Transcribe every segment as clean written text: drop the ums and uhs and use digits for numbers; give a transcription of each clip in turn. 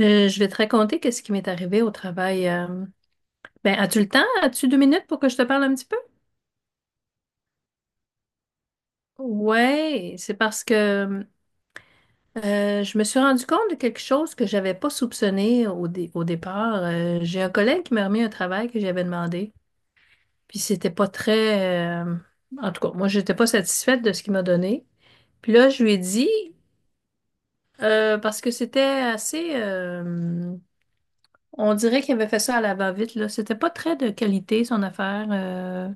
Je vais te raconter qu'est-ce qui m'est arrivé au travail. Ben, as-tu le temps? As-tu deux minutes pour que je te parle un petit peu? Ouais, c'est parce que je me suis rendu compte de quelque chose que j'avais pas soupçonné au départ. J'ai un collègue qui m'a remis un travail que j'avais demandé, puis c'était pas très. En tout cas, moi j'étais pas satisfaite de ce qu'il m'a donné. Puis là, je lui ai dit parce que c'était assez. On dirait qu'il avait fait ça à la va-vite là. C'était pas très de qualité son affaire.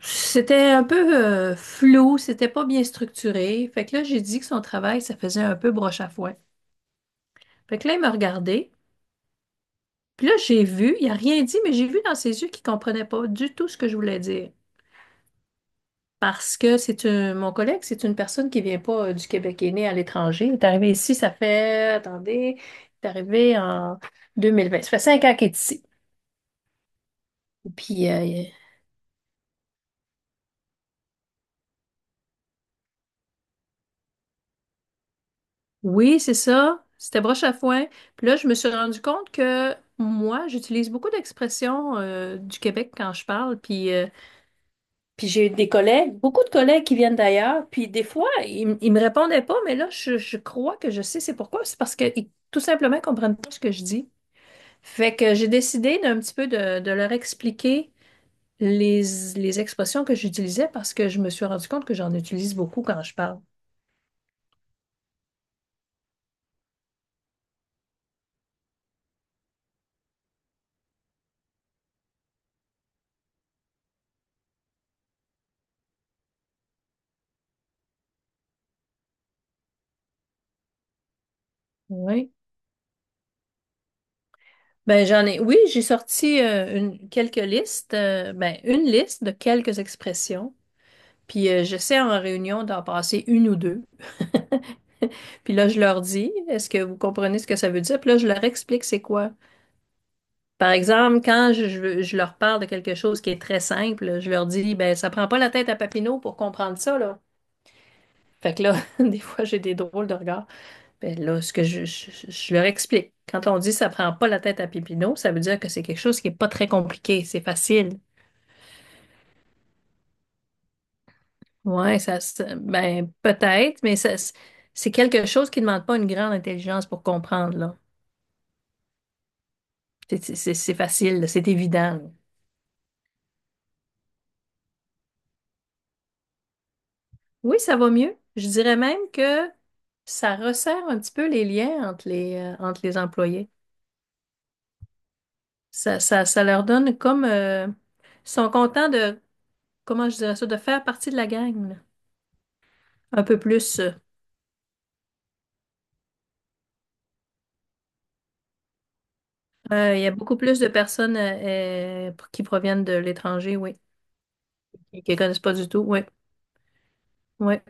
C'était un peu flou, c'était pas bien structuré. Fait que là, j'ai dit que son travail, ça faisait un peu broche à foin. Fait que là, il m'a regardé. Puis là, j'ai vu, il a rien dit, mais j'ai vu dans ses yeux qu'il comprenait pas du tout ce que je voulais dire. Parce que mon collègue, c'est une personne qui vient pas du Québec, qui est née à l'étranger. Il est arrivé ici, ça fait, attendez, il est arrivé en 2020. Ça fait 5 ans qu'il est ici. Puis oui, c'est ça. C'était broche à foin. Puis là, je me suis rendu compte que moi, j'utilise beaucoup d'expressions du Québec quand je parle. Puis j'ai des collègues, beaucoup de collègues qui viennent d'ailleurs. Puis des fois, ils me répondaient pas, mais là, je crois que je sais c'est pourquoi. C'est parce qu'ils tout simplement ils comprennent pas ce que je dis. Fait que j'ai décidé d'un petit peu de leur expliquer les, les expressions que j'utilisais parce que je me suis rendu compte que j'en utilise beaucoup quand je parle. Oui. Ben, j'en ai, oui, j'ai sorti une, quelques listes, ben, une liste de quelques expressions. Puis j'essaie en réunion d'en passer une ou deux. Puis là, je leur dis, est-ce que vous comprenez ce que ça veut dire? Puis là, je leur explique c'est quoi. Par exemple, quand je leur parle de quelque chose qui est très simple, je leur dis, ben, ça prend pas la tête à Papineau pour comprendre ça, là. Fait que là, des fois, j'ai des drôles de regards. Ben là, ce que je leur explique. Quand on dit ça prend pas la tête à Papineau, ça veut dire que c'est quelque chose qui est pas très compliqué, c'est facile. Ouais, ben, peut-être, mais ça, c'est quelque chose qui demande pas une grande intelligence pour comprendre, là. C'est facile, là, c'est évident. Là. Oui, ça va mieux. Je dirais même que ça resserre un petit peu les liens entre entre les employés. Ça leur donne comme... ils sont contents de, comment je dirais ça, de faire partie de la gang, là. Un peu plus. Il y a beaucoup plus de personnes qui proviennent de l'étranger, oui, et qui ne connaissent pas du tout, oui, oui.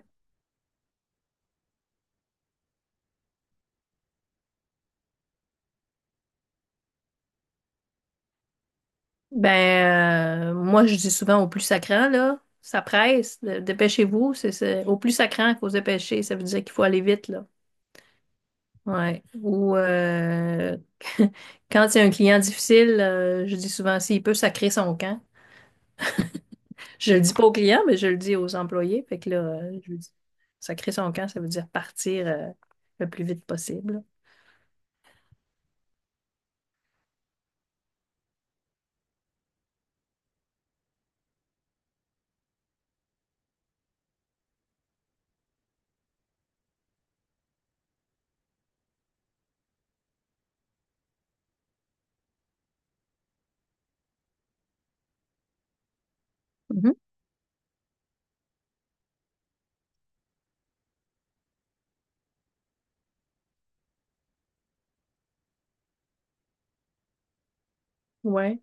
Ben, moi, je dis souvent au plus sacrant, là, ça presse, dépêchez-vous, au plus sacrant, il faut se dépêcher, ça veut dire qu'il faut aller vite, là. Ouais. Ou quand il y a un client difficile, je dis souvent, s'il peut sacrer son camp. Je le dis pas aux clients, mais je le dis aux employés. Fait que là, je lui dis, sacrer son camp, ça veut dire partir le plus vite possible. Mhm. Ouais.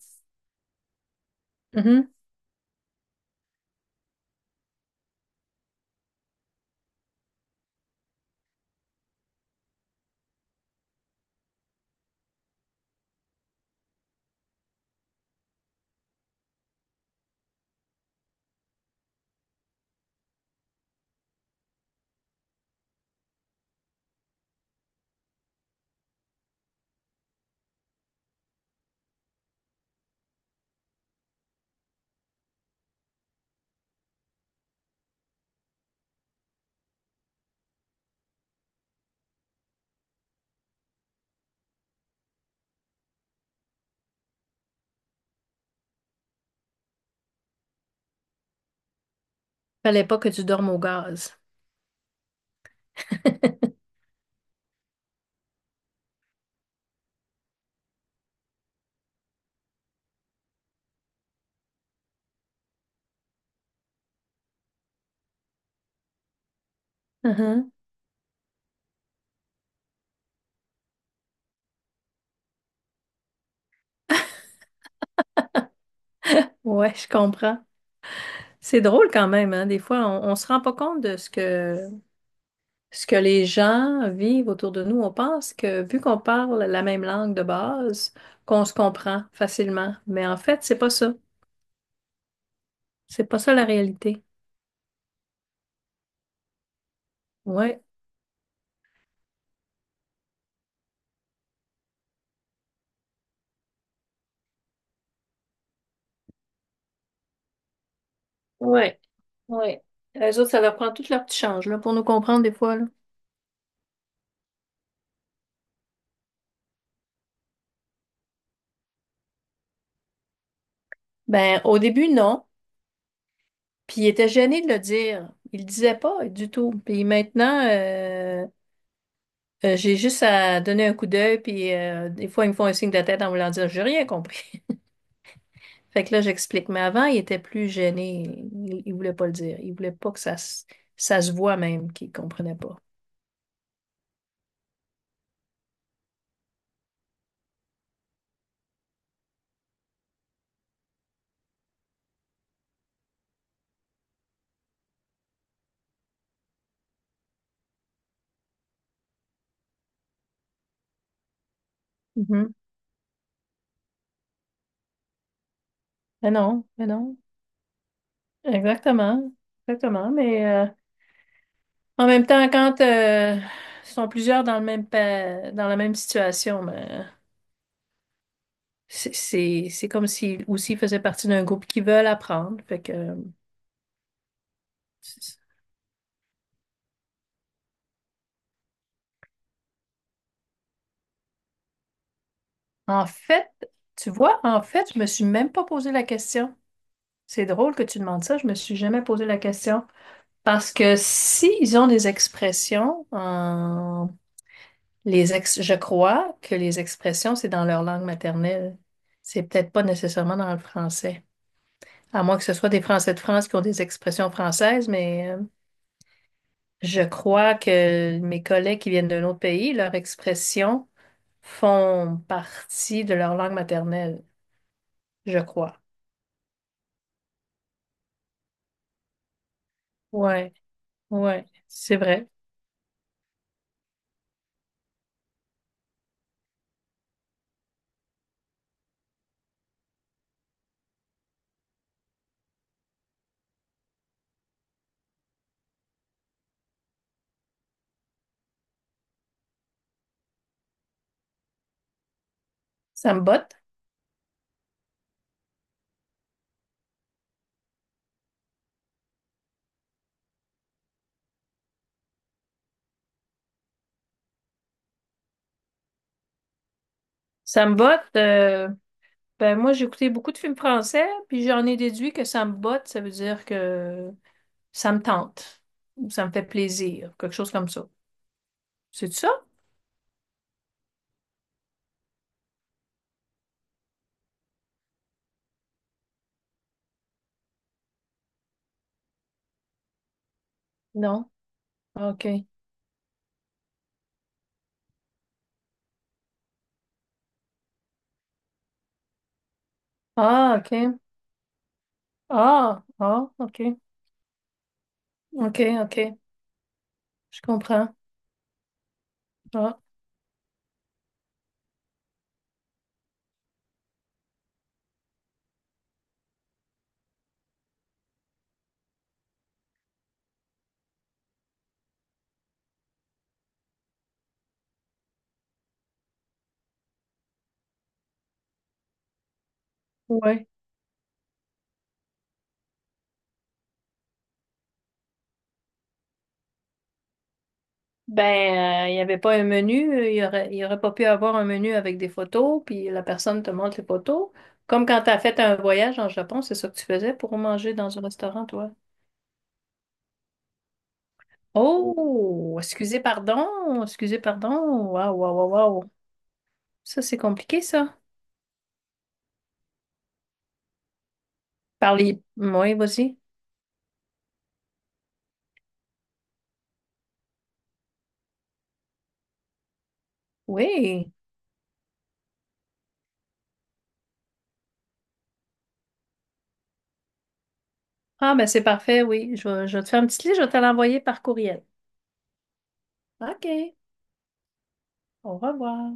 Mhm. Fallait pas que tu dormes au gaz. Mhm. Ouais, je comprends. C'est drôle quand même, hein. Des fois, on se rend pas compte de ce que les gens vivent autour de nous. On pense que vu qu'on parle la même langue de base, qu'on se comprend facilement. Mais en fait, c'est pas ça. C'est pas ça la réalité. Ouais. Ouais. Ouais. Les autres, ça leur prend tout leur petit change, là, pour nous comprendre des fois, là. Ben, au début, non. Puis il était gêné de le dire. Il le disaient pas du tout. Puis maintenant, j'ai juste à donner un coup d'œil, puis des fois, ils me font un signe de tête en voulant dire, j'ai rien compris. Fait que là, j'explique. Mais avant, il était plus gêné. Il voulait pas le dire. Il voulait pas que ça se voit même qu'il comprenait pas. Mhm. Mais non, mais non. Exactement. Exactement. Mais en même temps, quand ils sont plusieurs dans dans la même situation, ben, c'est comme s'ils aussi faisaient partie d'un groupe qui veulent apprendre. Fait que c'est- en fait, tu vois, en fait, je me suis même pas posé la question. C'est drôle que tu demandes ça, je me suis jamais posé la question. Parce que s'ils ont des expressions, je crois que les expressions, c'est dans leur langue maternelle. C'est peut-être pas nécessairement dans le français. À moins que ce soit des Français de France qui ont des expressions françaises, mais je crois que mes collègues qui viennent d'un autre pays, leurs expressions font partie de leur langue maternelle, je crois. Ouais, ouais, c'est vrai. Ça me botte. Ça me botte. Ben moi, j'ai écouté beaucoup de films français, puis j'en ai déduit que ça me botte, ça veut dire que ça me tente, ou ça me fait plaisir, quelque chose comme ça. C'est ça? Non. OK. Ah, OK. Ah, ah, OK. OK, OK. Je comprends. Ah, ouais. Ben, il n'y avait pas un menu, il y aurait pas pu avoir un menu avec des photos, puis la personne te montre les photos. Comme quand tu as fait un voyage en Japon, c'est ça que tu faisais pour manger dans un restaurant, toi. Oh, excusez, pardon, excusez, pardon. Waouh, waouh, waouh, waouh. Ça, c'est compliqué, ça. Parlez. Oui, vas-y. Oui. Ah, ben, c'est parfait, oui. Je vais te faire une petite liste, je vais te l'envoyer par courriel. OK. Au revoir.